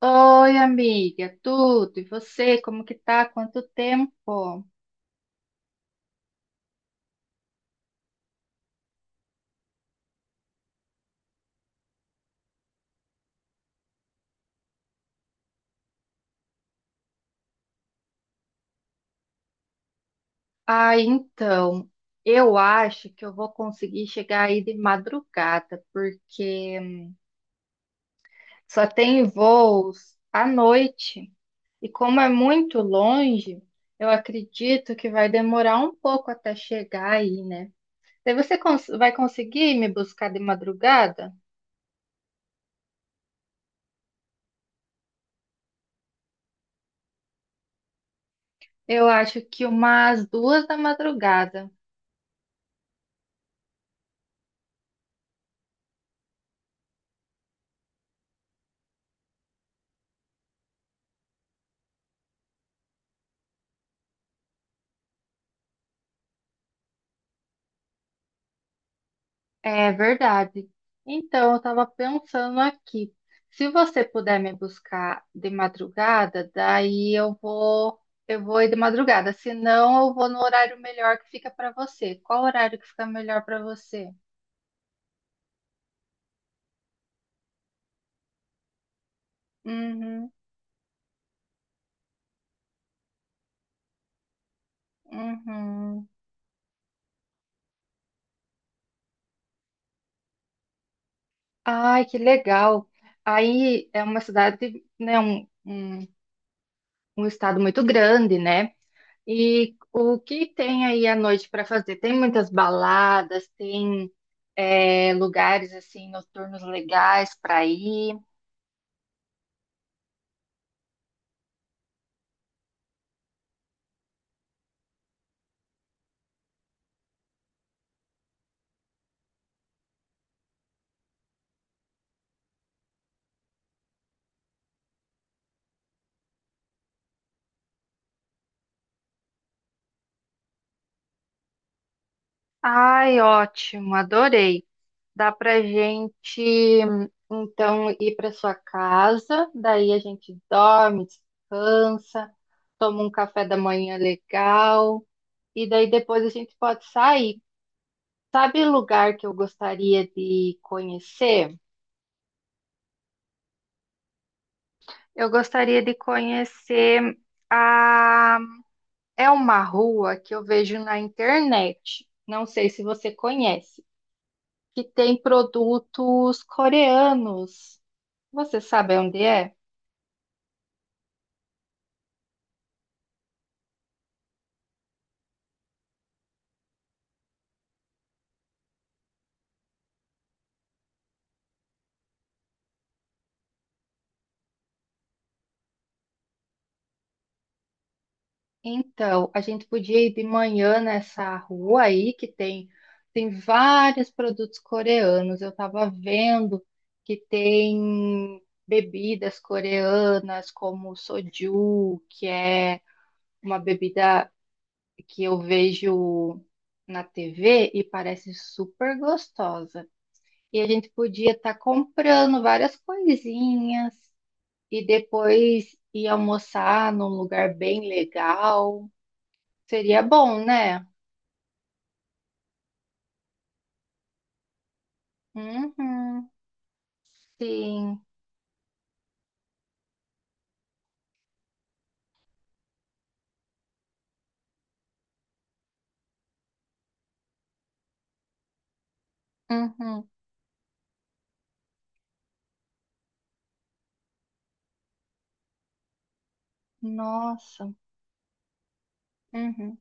Oi, amiga, tudo? E você, como que tá? Quanto tempo? Ah, então, eu acho que eu vou conseguir chegar aí de madrugada, porque só tem voos à noite. E como é muito longe, eu acredito que vai demorar um pouco até chegar aí, né? Daí vai conseguir me buscar de madrugada? Eu acho que umas duas da madrugada. É verdade. Então, eu estava pensando aqui. Se você puder me buscar de madrugada, daí eu vou ir de madrugada. Se não, eu vou no horário melhor que fica para você. Qual horário que fica melhor para você? Uhum, uhum. Ai, que legal. Aí é uma cidade, né, um estado muito grande, né? E o que tem aí à noite para fazer? Tem muitas baladas, tem lugares assim noturnos legais para ir. Ai, ótimo, adorei. Dá para gente então ir para sua casa, daí a gente dorme, descansa, toma um café da manhã legal e daí depois a gente pode sair. Sabe lugar que eu gostaria de conhecer? Eu gostaria de conhecer a. É uma rua que eu vejo na internet, não sei se você conhece, que tem produtos coreanos. Você sabe onde é? Então, a gente podia ir de manhã nessa rua aí que tem tem vários produtos coreanos. Eu estava vendo que tem bebidas coreanas como o soju, que é uma bebida que eu vejo na TV e parece super gostosa. E a gente podia estar comprando várias coisinhas e depois ir almoçar num lugar bem legal. Seria bom, né? Uhum, sim. Uhum. Nossa. Uhum.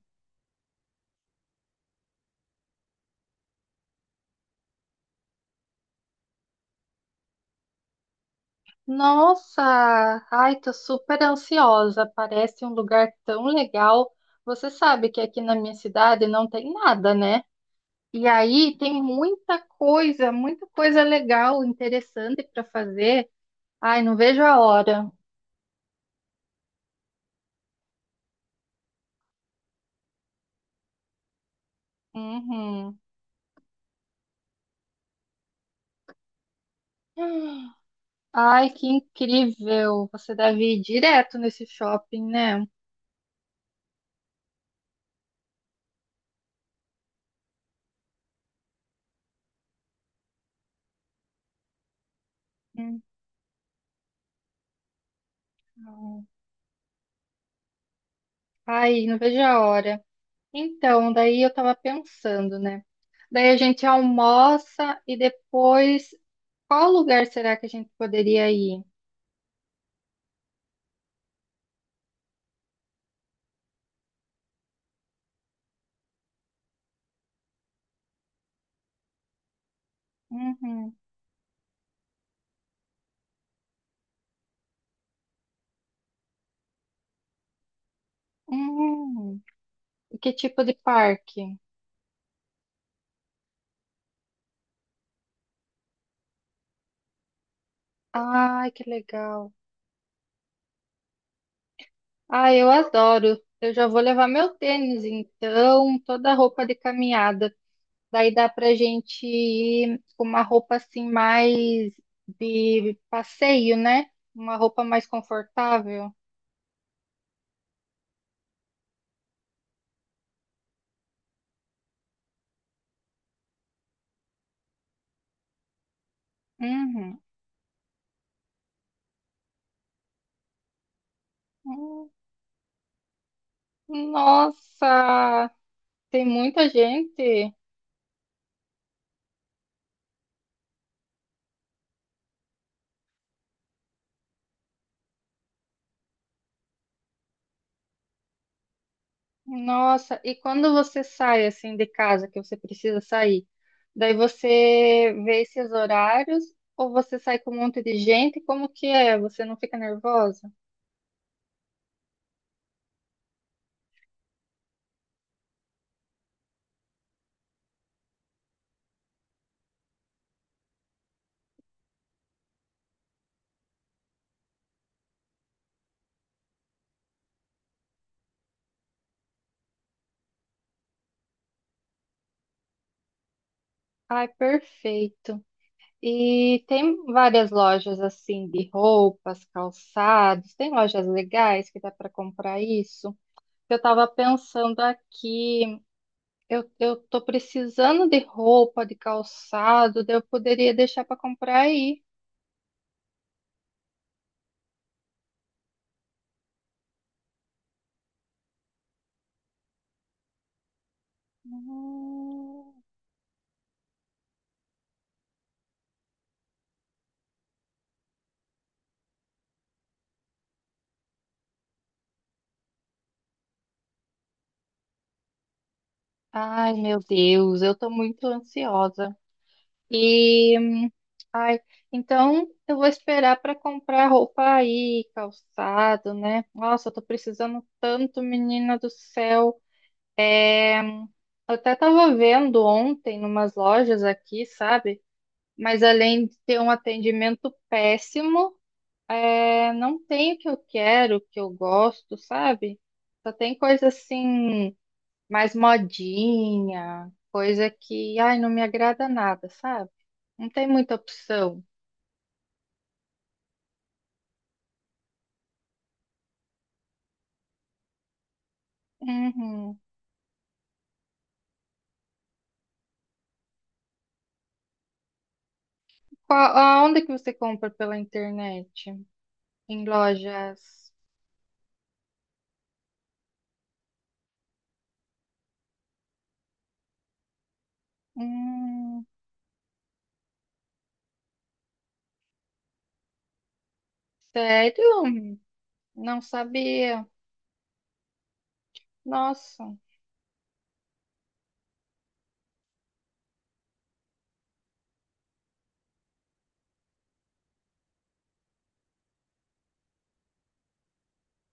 Nossa, ai, tô super ansiosa. Parece um lugar tão legal. Você sabe que aqui na minha cidade não tem nada, né? E aí tem muita coisa legal, interessante para fazer. Ai, não vejo a hora. Uhum. Ai, que incrível! Você deve ir direto nesse shopping, né? Uhum. Ai, não vejo a hora. Então, daí eu tava pensando, né? Daí a gente almoça e depois, qual lugar será que a gente poderia ir? Uhum. Uhum. E que tipo de parque? Ai, que legal! Ah, eu adoro. Eu já vou levar meu tênis, então, toda a roupa de caminhada. Daí dá pra gente ir com uma roupa assim mais de passeio, né? Uma roupa mais confortável. Uhum. Hum, Nossa, tem muita gente. Nossa, e quando você sai assim de casa, que você precisa sair, daí você vê esses horários ou você sai com um monte de gente? Como que é? Você não fica nervosa? Ai, perfeito. E tem várias lojas assim de roupas, calçados. Tem lojas legais que dá para comprar isso. Eu estava pensando aqui, eu tô precisando de roupa, de calçado, daí eu poderia deixar para comprar aí. Hum. Ai, meu Deus, eu tô muito ansiosa. E, hum, ai, então eu vou esperar para comprar roupa aí, calçado, né? Nossa, eu tô precisando tanto, menina do céu. É, hum, eu até tava vendo ontem numas lojas aqui, sabe? Mas além de ter um atendimento péssimo, não tem o que eu quero, o que eu gosto, sabe? Só tem coisa assim mais modinha, coisa que, ai, não me agrada nada, sabe? Não tem muita opção. Uhum. Qual, aonde que você compra pela internet? Em lojas? Hum, sério? Não sabia. Nossa.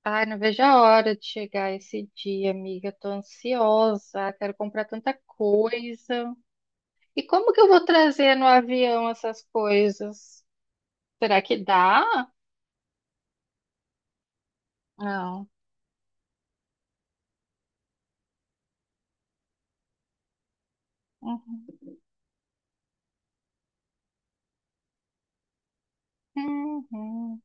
Ai, não vejo a hora de chegar esse dia, amiga. Tô ansiosa, quero comprar tanta coisa. E como que eu vou trazer no avião essas coisas? Será que dá? Não. Uhum. Uhum.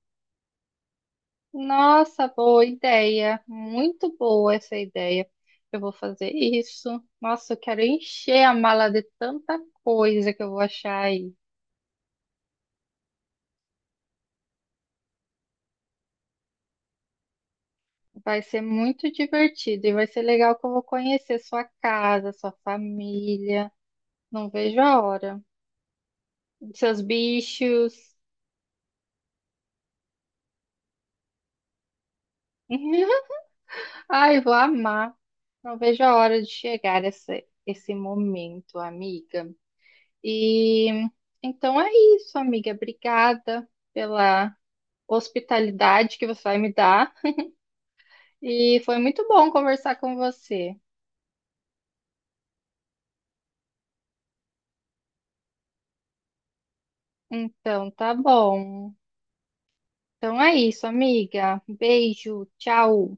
Nossa, boa ideia. Muito boa essa ideia. Eu vou fazer isso. Nossa, eu quero encher a mala de tanta coisa que eu vou achar aí. Vai ser muito divertido e vai ser legal que eu vou conhecer sua casa, sua família. Não vejo a hora. Seus bichos. Ai, vou amar. Não vejo a hora de chegar esse momento, amiga. E então é isso, amiga. Obrigada pela hospitalidade que você vai me dar. E foi muito bom conversar com você. Então, tá bom. Então é isso, amiga. Beijo, tchau.